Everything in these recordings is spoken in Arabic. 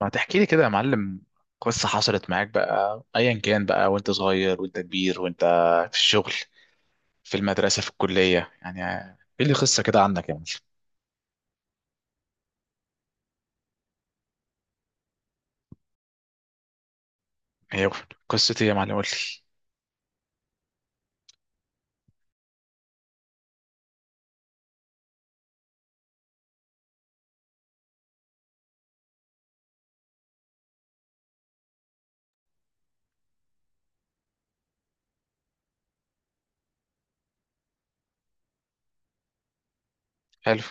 ما تحكي لي كده يا معلم، قصة حصلت معاك بقى أيا كان بقى. وأنت صغير وأنت كبير وأنت في الشغل، في المدرسة، في الكلية، يعني إيه اللي قصة كده عنك يا معلم؟ هي قصة إيه يا معلم؟ قول لي. حلو.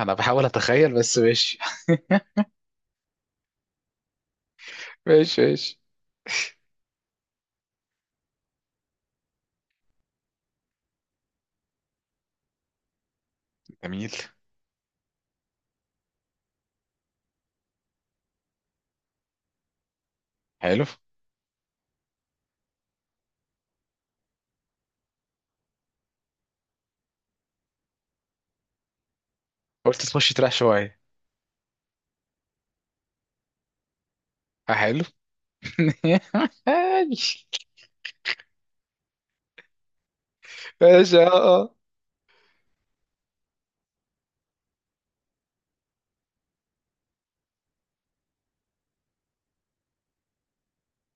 أنا بحاول أتخيل بس ماشي. ماشي ماشي. جميل. حلو. قلت تخش تريح شوية. حلو. ماشي ماشي. اه. آه.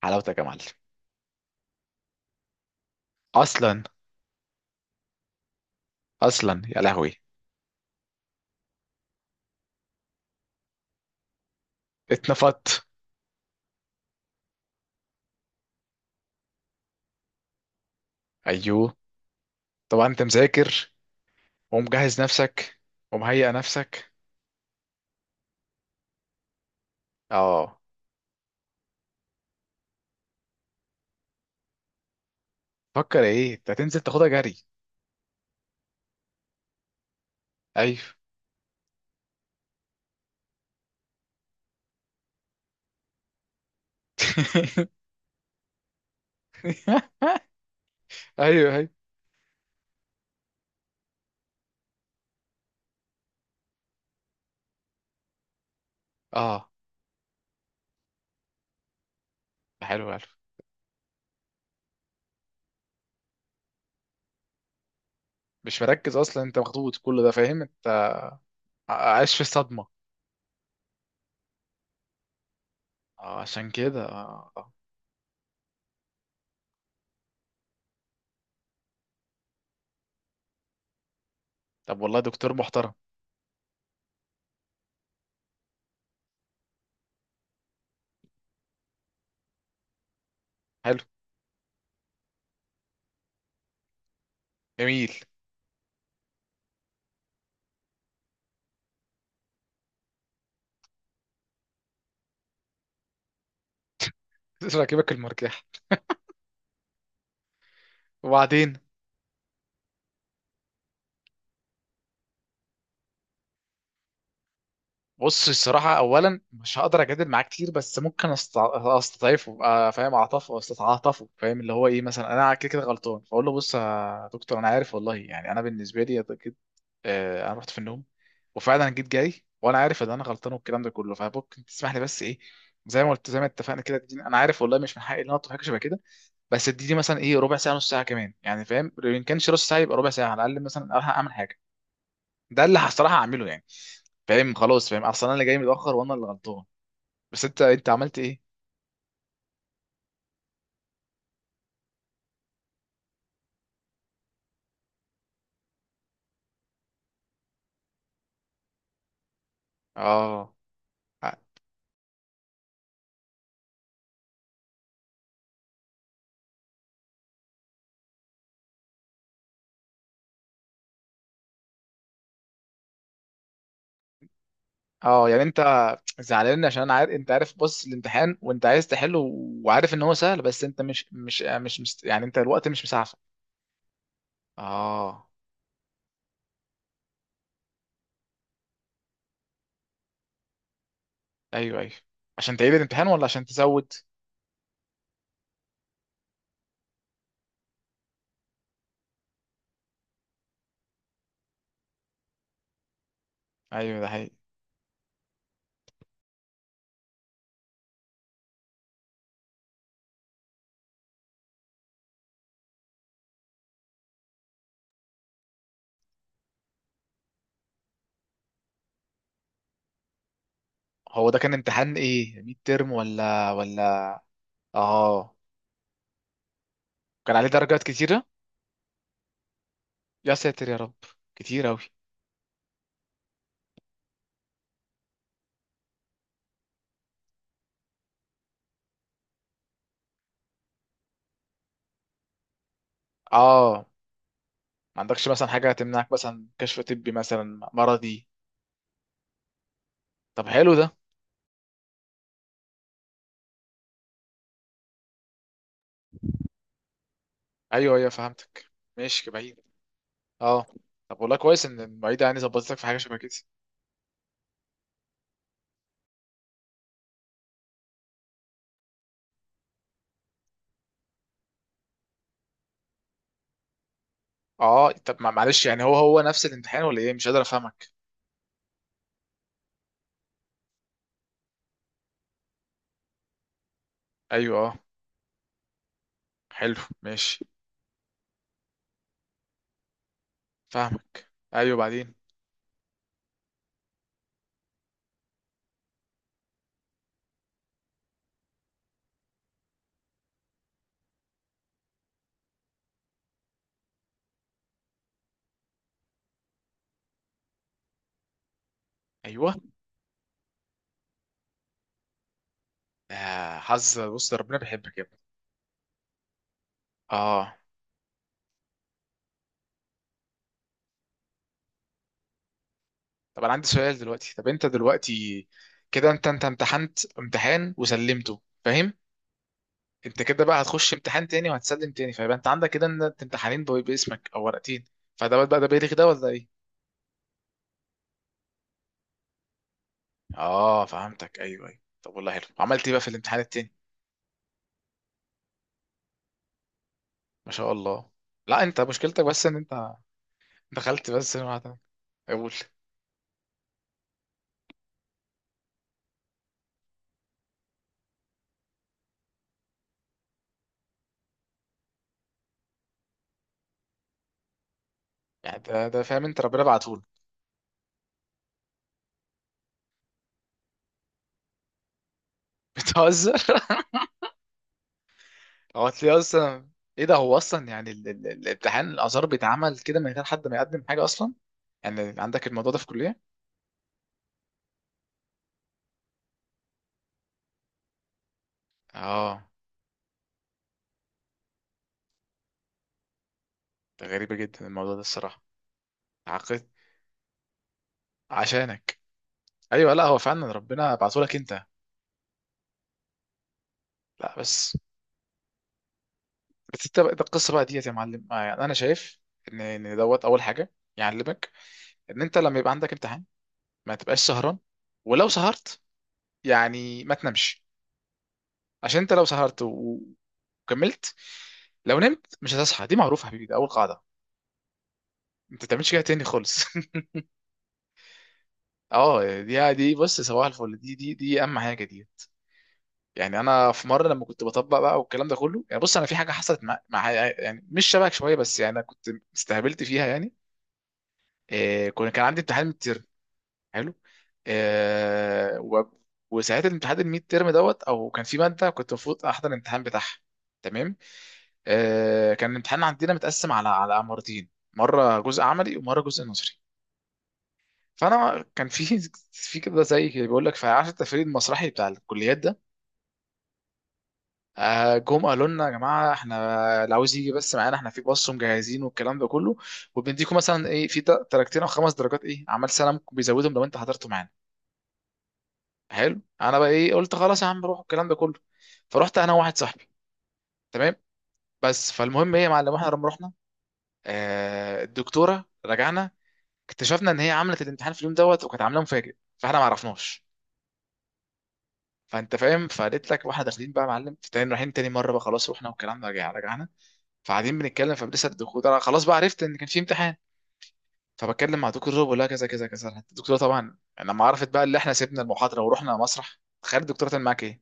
حلاوتك يا معلم. أصلا. أصلا يا لهوي. اتنفضت. أيوه طبعا أنت مذاكر ومجهز نفسك ومهيئ نفسك. اه. فكر ايه انت، هتنزل تاخدها جري؟ ايوه. ايوه ايوه. اه. ده حلو الف. مش مركز اصلا، انت مخطوط كل ده فاهم انت، عايش في الصدمه. اه عشان كده. طب والله دكتور محترم. حلو. جميل. راكبك المرجح. وبعدين؟ بص الصراحة، أولا مش هقدر أجادل معاه كتير، بس ممكن أستضعفه. أبقى فاهم أعطفه، أستعطفه، فاهم اللي هو إيه؟ مثلا أنا كده كده غلطان، فأقول له بص يا دكتور، أنا عارف والله، يعني أنا بالنسبة لي أكيد، أنا رحت في النوم وفعلا جيت جاي وأنا عارف إن أنا غلطان والكلام ده كله. فممكن تسمح لي بس، إيه زي ما قلت زي ما اتفقنا كده، تديني. أنا عارف والله مش من حقي إن أنا أطلب حاجة شبه كده، بس اديني مثلا إيه، ربع ساعة، نص ساعة كمان، يعني فاهم؟ إن كانش نص ساعة يبقى ربع ساعة على الأقل، مثلا أروح أعمل حاجة. ده اللي هصراحه هعمله يعني، فاهم؟ خلاص، فاهم اصلا انا اللي جاي متاخر وانا اللي غلطان. بس انت عملت ايه؟ اه. اه يعني انت زعلان، عشان انا عارف، انت عارف بص الامتحان وانت عايز تحله وعارف ان هو سهل، بس انت مش يعني انت الوقت مش مسعفك. اه. ايوه ايوه. عشان تعيد الامتحان ولا عشان تزود؟ ايوه ده حقيقي. هو ده كان امتحان ايه؟ ميد ترم ولا؟ اه. كان عليه درجات كتيره؟ يا ساتر يا رب، كتير اوي. اه. ما عندكش مثلا حاجة هتمنعك، مثلا كشف طبي، مثلا مرضي؟ طب حلو ده. ايوه ايوه فهمتك. ماشي، بعيد. اه. طب والله كويس ان المعيدة يعني ظبطتك في حاجة شبه كده. اه طب معلش، يعني هو هو نفس الامتحان ولا ايه؟ مش قادر افهمك. ايوه. اه. حلو. ماشي. فاهمك، ايوه بعدين. ايوه. آه حظ، بص ده ربنا بيحبك يا ابني. اه. طب انا عندي سؤال دلوقتي، طب انت دلوقتي كده انت امتحنت امتحان وسلمته، فاهم؟ انت كده بقى هتخش امتحان تاني وهتسلم تاني، فيبقى انت عندك كده ان انت امتحانين باسمك او ورقتين. فده بقى ده بيلغي ده ولا ايه؟ اه فهمتك ايوه ايوه. طب والله حلو، عملت ايه بقى في الامتحان التاني؟ ما شاء الله. لا انت مشكلتك بس ان انت دخلت بس معاك. اقول. يعني ده ده فاهم؟ انت ربنا بعتهولك. بتهزر؟ هو هتلاقيه اصلا؟ ايه ده؟ هو اصلا يعني الامتحان الازهر بيتعمل كده من غير حد ما يقدم حاجه اصلا؟ يعني عندك الموضوع ده في الكليه؟ اه. ده غريبه جدا الموضوع ده الصراحه. عقدت عشانك. ايوه لا هو فعلا ربنا بعته لك انت. لا بس، بس انت بقى، ده القصه بقى ديت يا معلم. يعني انا شايف ان ان دوت اول حاجه يعلمك ان انت لما يبقى عندك امتحان ما تبقاش سهران. ولو سهرت يعني ما تنامش، عشان انت لو سهرت وكملت، لو نمت مش هتصحى. دي معروفه يا حبيبي، ده اول قاعده. انت ما تعملش كده تاني خالص. اه دي دي، بص صباح الفل، دي دي دي اهم حاجه دي. يعني انا في مره لما كنت بطبق بقى والكلام ده كله، يعني بص، انا في حاجه حصلت مع، يعني مش شبهك شويه بس، يعني انا كنت استهبلت فيها يعني. إيه، كنت كان عندي امتحان ميد ترم. حلو. إيه وساعتها الامتحان الميد ترم دوت، او كان في ماده كنت المفروض احضر الامتحان بتاعها، تمام؟ إيه، كان الامتحان عندنا متقسم على مرتين، مره جزء عملي ومره جزء نظري. فانا كان في في كده زي بيقول لك، فعارف التفريد المسرحي بتاع الكليات ده؟ جم قالوا لنا يا جماعه احنا، اللي عاوز يجي بس معانا، احنا في باص مجهزين والكلام ده كله، وبنديكم مثلا ايه في درجتين او خمس درجات، ايه عمل سنه ممكن بيزودهم، لو انت حضرته معانا. حلو. انا بقى ايه، قلت خلاص يا عم روح الكلام ده كله، فرحت انا وواحد صاحبي، تمام. بس فالمهم ايه يا معلم، احنا لما رحنا، آه، الدكتوره، رجعنا اكتشفنا ان هي عملت الامتحان في اليوم دوت، وكانت عاملاه مفاجئ فاحنا ما عرفناش. فانت فاهم، فقالت لك واحنا داخلين بقى يا معلم في تاني، رايحين تاني مره بقى، خلاص رحنا والكلام ده، رجعنا فقاعدين بنتكلم، فلسه الدكتور، انا خلاص بقى عرفت ان كان في امتحان، فبتكلم مع دكتور بقول لها كذا كذا كذا. الدكتوره طبعا لما عرفت بقى اللي احنا سيبنا المحاضره ورحنا مسرح، تخيل الدكتوره كان معاك ايه؟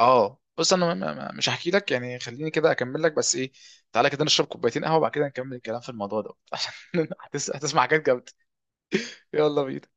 اه بص انا، مش هحكي لك يعني، خليني كده اكمل لك بس ايه، تعالى كده نشرب كوبايتين قهوه، وبعد كده نكمل الكلام في الموضوع ده عشان هتسمع حاجات جامده. يلا بينا.